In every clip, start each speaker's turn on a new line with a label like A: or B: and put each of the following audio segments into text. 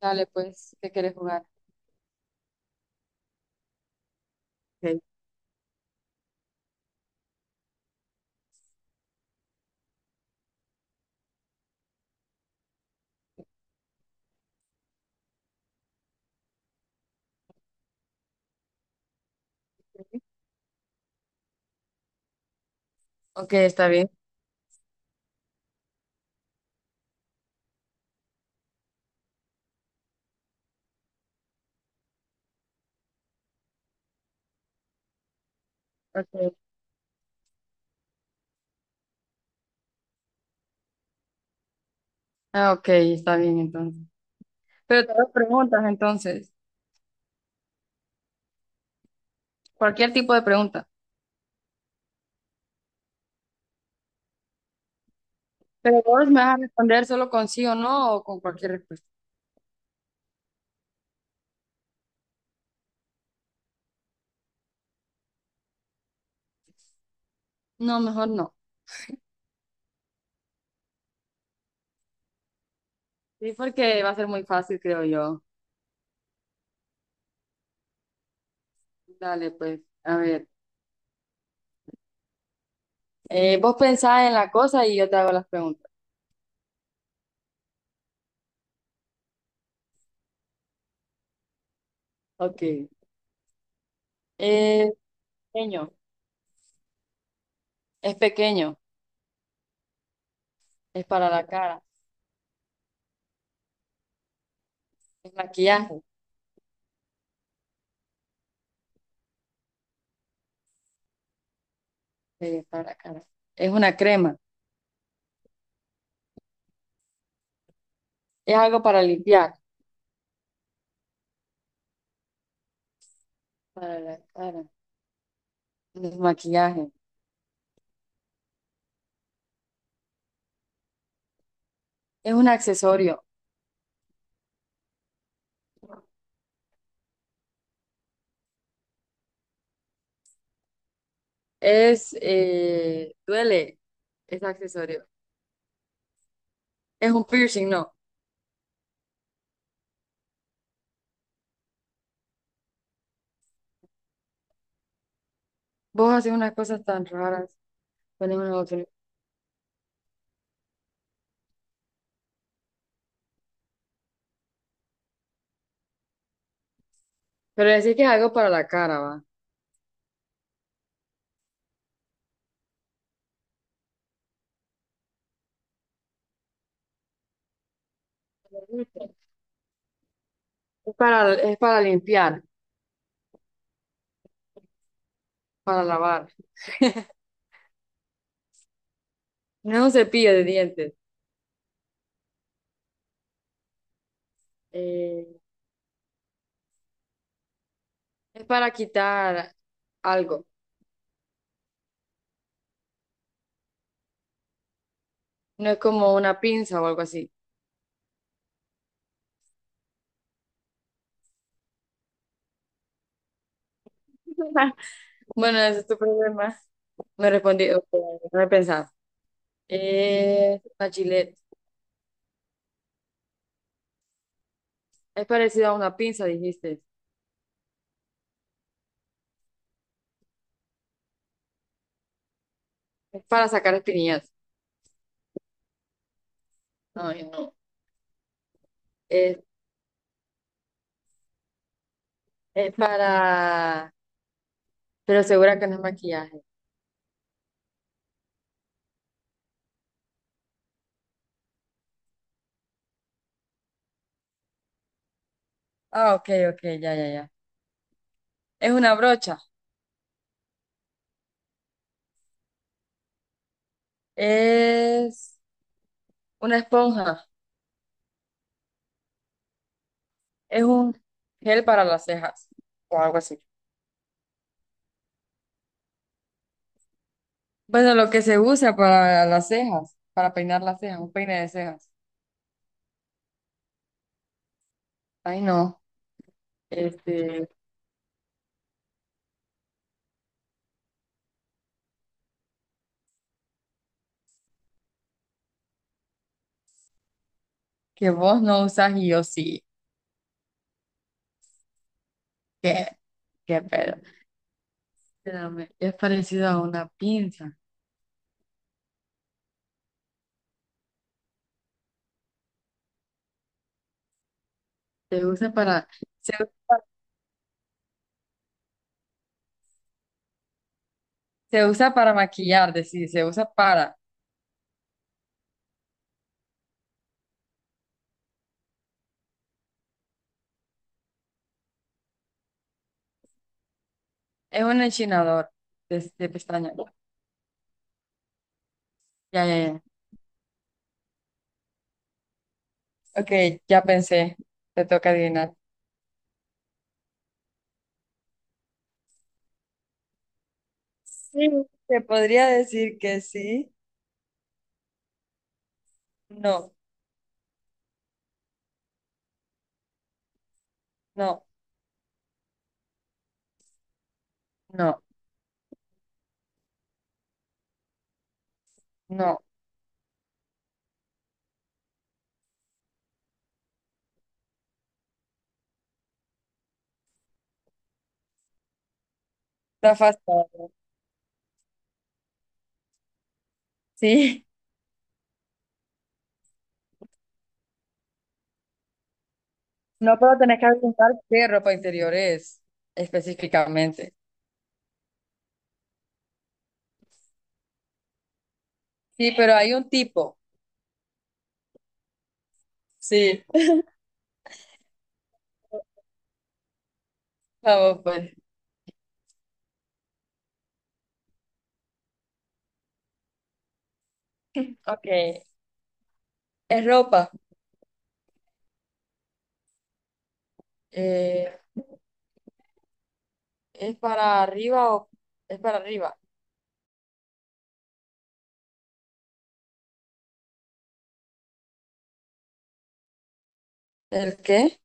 A: Dale, pues, ¿qué quieres jugar? Ok, ok, está bien. Ok. Ah, ok, está bien entonces. Pero te hago preguntas entonces, cualquier tipo de pregunta. Pero vos me vas a responder solo con sí o no o con cualquier respuesta. No, mejor no. Sí, porque va a ser muy fácil, creo yo. Dale, pues, a ver. Vos pensás en la cosa y yo te hago las preguntas. Ok. Es pequeño, es pequeño, es para la cara, es maquillaje, para la cara. Es una crema, es algo para limpiar, para la cara. El maquillaje es un accesorio. Es, duele, es accesorio. Es un piercing, no. Vos haces unas cosas tan raras con un otro. Pero decir que es algo para la cara, va. Es para limpiar, para lavar. No es un cepillo de dientes. Eh, es para quitar algo. No es como una pinza o algo así. Bueno, ese es tu problema. No respondí. Ok, no he pensado. Una chile. Es parecido a una pinza, dijiste. Es para sacar espinillas. Ay, no. Es, es para... Pero segura que no es maquillaje. Ah, ok, ok, ya, ya, ya. Es una brocha. Es una esponja. Es un gel para las cejas. O algo así. Bueno, lo que se usa para las cejas, para peinar las cejas, un peine de cejas. Ay, no. Este, que vos no usas y yo sí. ¿Qué? ¿Qué pedo? Espérame, es parecido a una pinza. Se usa para, se usa, se usa para maquillar, decir, se usa para. Es un enchinador de pestañas. Ya, ya, ya. Ok, ya pensé. Te toca adivinar. Sí, te podría decir que sí. No, no, no, no. Está fácil. Sí. No, pero tenés que preguntar qué ropa interior es específicamente. Sí, pero hay un tipo. Sí. Vamos, pues. Ok. Es ropa. Eh, ¿Es para arriba o es para arriba? ¿El qué?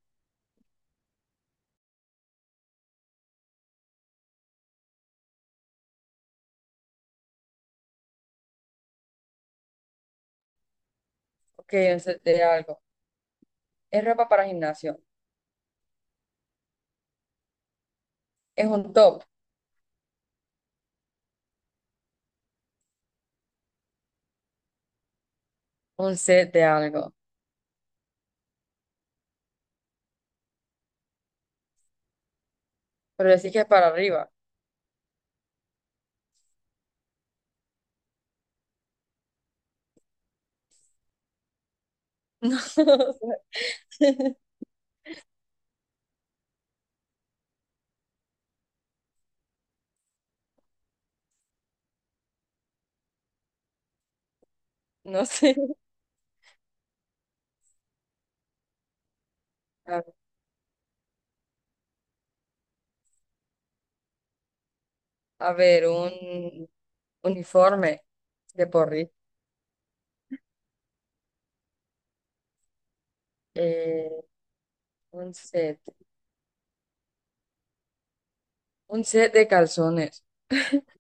A: Ok, un set de algo. ¿Es ropa para gimnasio? ¿Es un top? Un set de algo. Pero decís que es para arriba. No sé. No sé. A, a ver, un uniforme de porri. Eh, un set. Un set de calzones.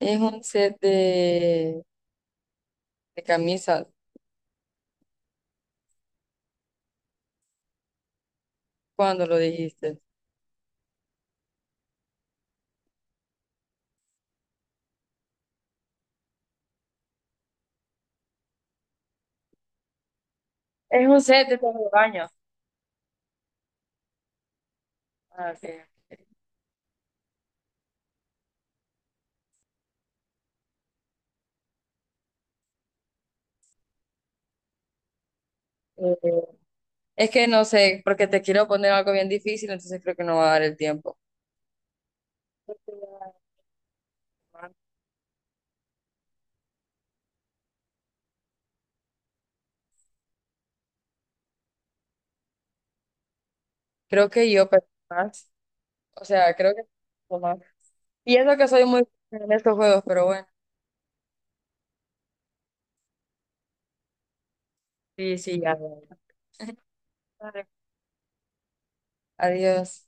A: Es un set de camisas. ¿Cuándo lo dijiste? Es un set de todo de baño. Ah, ok. Eh, Es que no sé, porque te quiero poner algo bien difícil, entonces creo que no va a dar el tiempo. Creo que yo pensé más. O sea, creo que pensé más. Y eso que soy muy buena en estos juegos, pero bueno. Sí, sí, ya. Dale. Adiós.